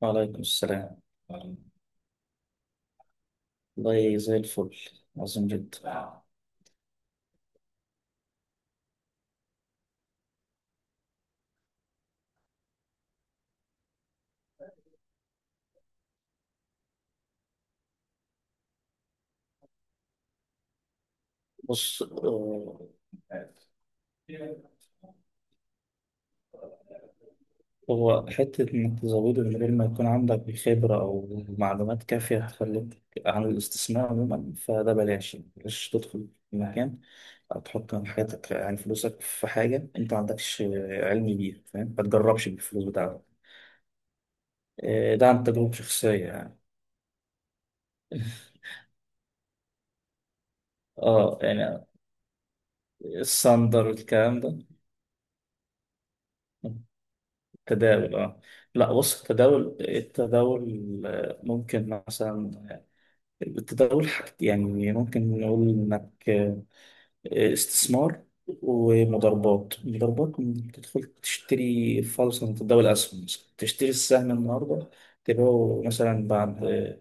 وعليكم السلام. والله زي الفل. عظيم جدا. بص، هو حتة إنك تزوده من غير ما يكون عندك خبرة أو معلومات كافية هتخليك عن الاستثمار عموما. فده بلاش تدخل في مكان أو تحط من حياتك يعني فلوسك في حاجة أنت ما عندكش علم بيها، فاهم؟ ما تجربش بالفلوس بتاعتك. ده عن تجربة شخصية يعني. اه، يعني الساندر والكلام ده. تداول، اه. لا، بص، التداول ممكن مثلا، التداول حاجة يعني ممكن نقول انك استثمار ومضاربات. تدخل تشتري فرصة من تداول الأسهم، مثلا تشتري السهم النهاردة تبيعه مثلا بعد آه،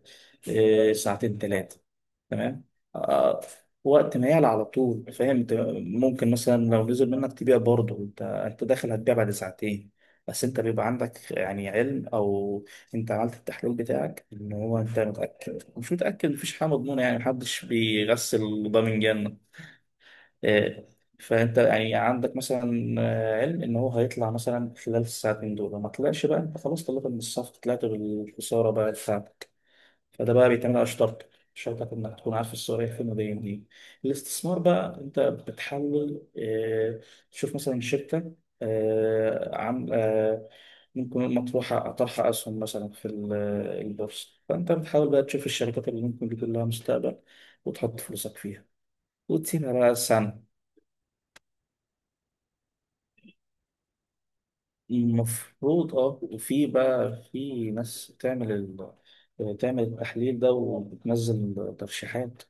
آه، ساعتين ثلاثة. تمام. آه، وقت ما يعلى على طول، فاهم؟ انت ممكن مثلا لو نزل منك تبيع برضه، انت داخل هتبيع بعد ساعتين. بس انت بيبقى عندك يعني علم، او انت عملت التحليل بتاعك، ان هو انت متأكد مش متأكد. مفيش حاجة مضمونة يعني، محدش بيغسل ضامن جنة. آه، فانت يعني عندك مثلا علم ان هو هيطلع مثلا خلال الساعتين دول. ما طلعش بقى، انت خلاص طلعت من الصف، طلعت بالخساره بقى بتاعتك. فده بقى بيتعمل على شرطك انك تكون عارف السعوديه فين وجايه منين. الاستثمار بقى انت بتحلل، تشوف مثلا شركه، آه، عم آه، ممكن مطروحة طرح أسهم مثلا في البورصة. فأنت بتحاول بقى تشوف الشركات اللي ممكن يكون لها مستقبل وتحط فلوسك فيها وتسيبها بقى سنة. المفروض، اه. وفي بقى في ناس بتعمل تعمل التحليل ده وبتنزل ترشيحات.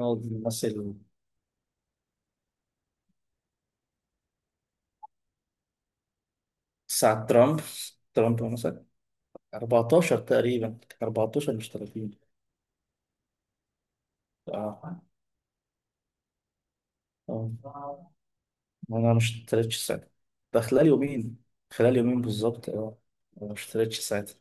اه، مثل ساعة ترامب مثلا. 14 تقريبا، 14 مش 30. اه، اه، انا مش اشتريتش ساعتها. ده خلال يومين، خلال يومين بالظبط، اه. انا مش اشتريتش ساعتها.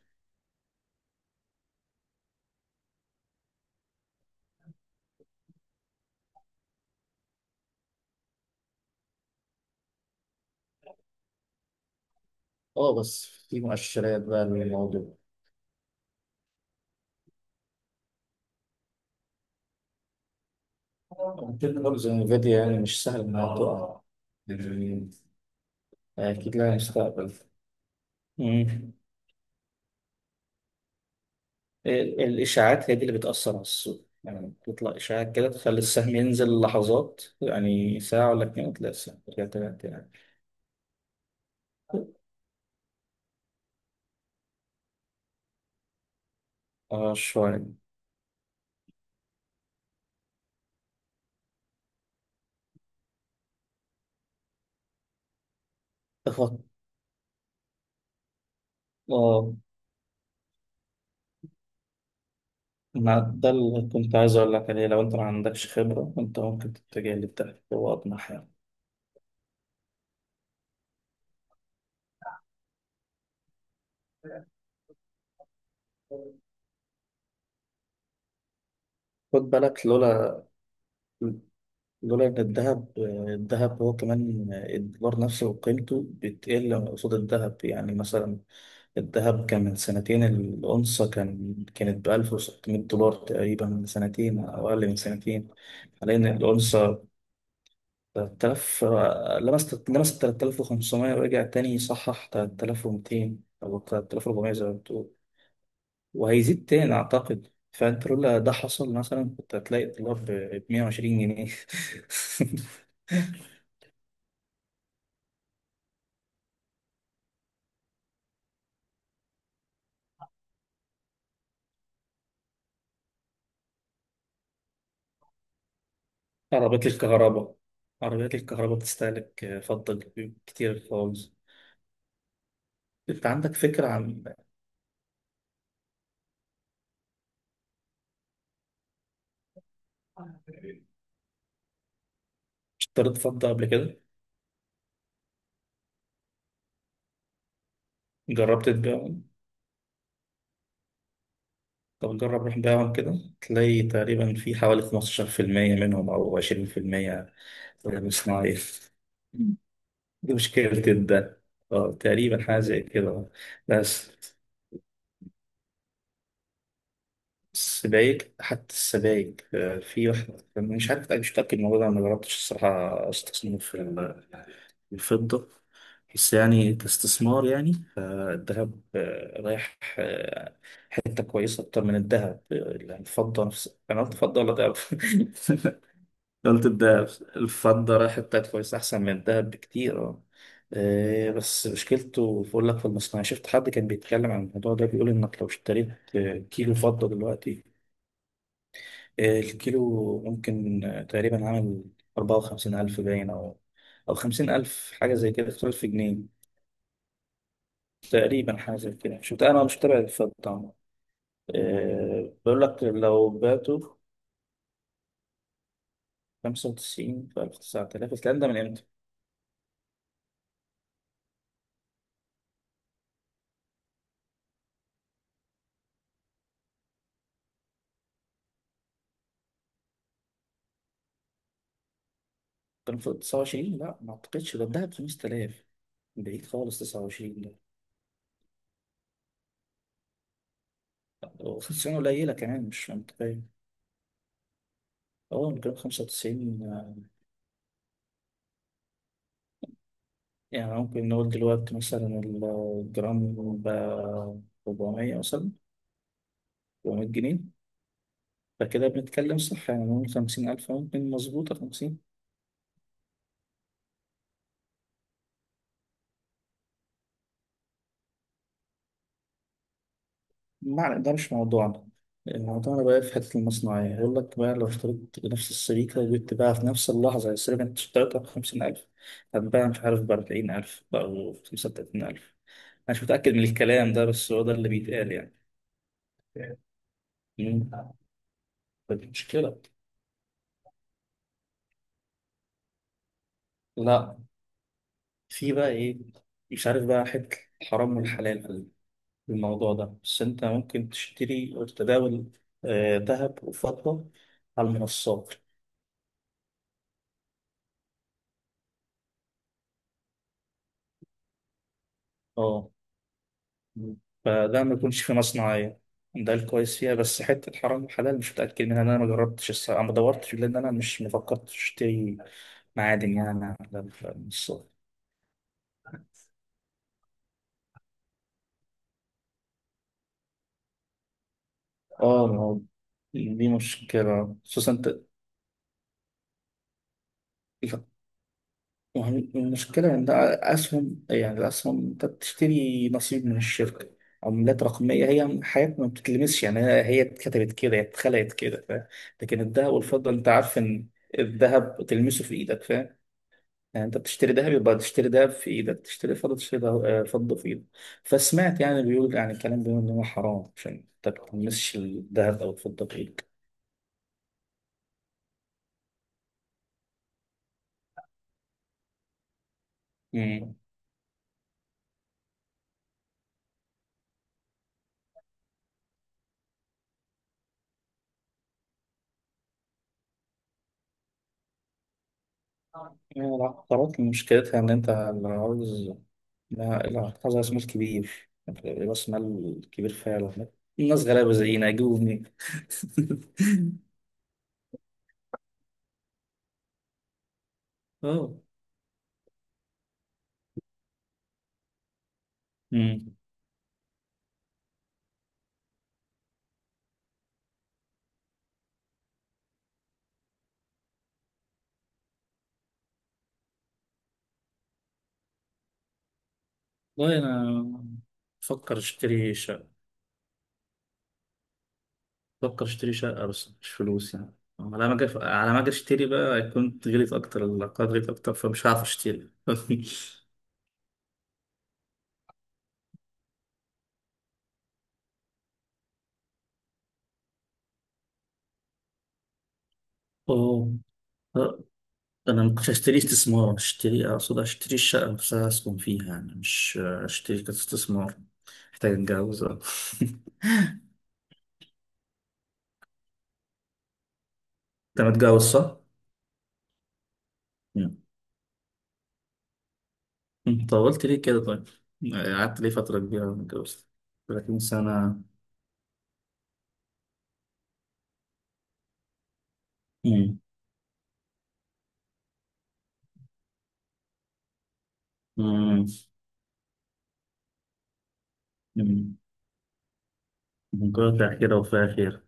اه، بس في مؤشرات بقى للموضوع. ممكن برضه زي انفيديا يعني، مش سهل انها تقع يعني، اكيد لها مستقبل. مم. الإشاعات هي دي اللي بتأثر على السوق، يعني تطلع إشاعات كده تخلي السهم ينزل لحظات، يعني ساعة ولا اتنين تلاقي السهم رجع تاني يعني. اه، شوية. تخط. اه، ما ده اللي كنت عايز أقول لك عليه، لو أنت ما عندكش خبرة أنت ممكن تتجه للذهب، هو أطمح يعني. خد بالك، لولا إن الذهب هو كمان الدولار نفسه وقيمته بتقل قصاد الذهب. يعني مثلا الذهب كان من سنتين، الأونصة كانت بألف وستمية دولار تقريبا، من سنتين أو أقل من سنتين. حاليا الأونصة تلات آلاف. لمست تلات آلاف وخمسمية ورجع تاني يصحح تلات آلاف ومتين أو تلات آلاف وأربعمية زي ما بتقول. وهيزيد تاني أعتقد. فأنت لولا ده حصل مثلا كنت هتلاقي الدولار بمية وعشرين جنيه. عربيات الكهرباء عربيات الكهرباء بتستهلك فضة كتير خالص. انت عندك فكرة عن؟ اشتريت فضة قبل كده؟ جربت تبيعهم؟ طب جرب روح بيعهم كده. تلاقي تقريبا في حوالي 15% منهم أو 20% غير صناعي. دي مشكلة ده. اه، تقريبا حاجة زي كده. بس السبايك، حتى السبايك، في واحدة مش عارف، مش متأكد من الموضوع ده، أنا ما جربتش الصراحة استصنف الفضة. بس يعني كاستثمار، يعني فالذهب رايح، حته كويسه اكتر من الذهب يعني، الفضه نفس. انا قلت فضه ولا ذهب؟ قلت الذهب. الفضه رايح حته كويسه احسن من الذهب بكتير، اه. بس مشكلته بقول لك في المصنع. شفت حد كان بيتكلم عن الموضوع ده، بيقول انك لو اشتريت كيلو فضه دلوقتي، الكيلو ممكن تقريبا عامل 54000، باين، او 50000، حاجه زي كده، 5000 جنيه تقريبا، حاجه زي كده شفت. انا مش متابع الفضه طبعاً. بقول لك لو بعته خمسة وتسعين في ألف، تسعة آلاف. الكلام ده من إمتى؟ كان في تسعة وعشرين، لا ما أعتقدش، ده الدهب بخمسة آلاف، بعيد خالص تسعة وعشرين ده. وتسعين قليلة كمان، مش منطقية. أول كان خمسة وتسعين، يعني ممكن نقول دلوقتي مثلا الجرام ب 400 مثلا، 400 جنيه. فكده بنتكلم صح، يعني نقول 50000 ممكن مظبوطة، 50. معنى ده مش موضوعنا. موضوعنا بقى في حتة المصنعية، يقول لك بقى لو اشتريت نفس السبيكة وجيت تباعها في نفس اللحظة، السبيكة اللي أنت اشتريتها بخمسين ألف هتباع مش عارف بأربعين ألف أو بخمسة وتلاتين ألف. أنا مش متأكد من الكلام ده، بس هو ده اللي بيتقال يعني. مم. طب مشكلة، لا. في بقى إيه، مش عارف بقى، حتة الحرام والحلال في الموضوع ده. بس أنت ممكن تشتري أو تتداول ذهب وفضة على المنصات. اه، فده ما يكونش في مصنعية، ده الكويس فيها. بس حتة حرام وحلال مش متأكد منها، إن أنا ما جربتش الصراحة، ما دورتش، لأن أنا مش مفكرتش أشتري معادن يعني على من الصغر. آه، ما هو دي مشكلة خصوصا أنت. المشكلة إن ده أسهم، يعني الأسهم أنت بتشتري نصيب من الشركة. عملات رقمية، هي حياتنا ما بتتلمسش يعني، هي اتكتبت كده، هي اتخلقت كده، فاهم؟ لكن الذهب والفضة أنت عارف إن الذهب تلمسه في إيدك، فاهم؟ يعني انت بتشتري دهب يبقى تشتري دهب في ايدك، تشتري فضه، تشتري ده- آه، فضه في ايدك. فسمعت يعني بيقول، يعني الكلام بيقول ان هو حرام عشان انت ما تلمسش الذهب او الفضه في ايدك. امم. يعني العقارات مشكلتها ان انت لو عاوز، لا العقار عايز راس مال كبير. راس مال كبير فعلا. الناس غلابه زينا يجيبوا منين؟ اه. امم. والله انا بفكر اشتري شقه بفكر اشتري شقة بس مش فلوس يعني. على ما أجي اشتري بقى كنت غليت أكتر، العقار غليت أكتر فمش هعرف اشتري. أوه. آه، أنا ما كنتش هشتري استثمار، اشتري أقصد اشتري الشقة نفسها أسكن فيها يعني، مش اشتري كاستثمار. محتاج أتجوز، آه. أنت متجوز صح؟ مم. أنت طولت ليه كده طيب؟ قعدت ليه فترة كبيرة ما اتجوزت؟ 30 سنة. مم. مم. مم. من كل خير وفيها خير.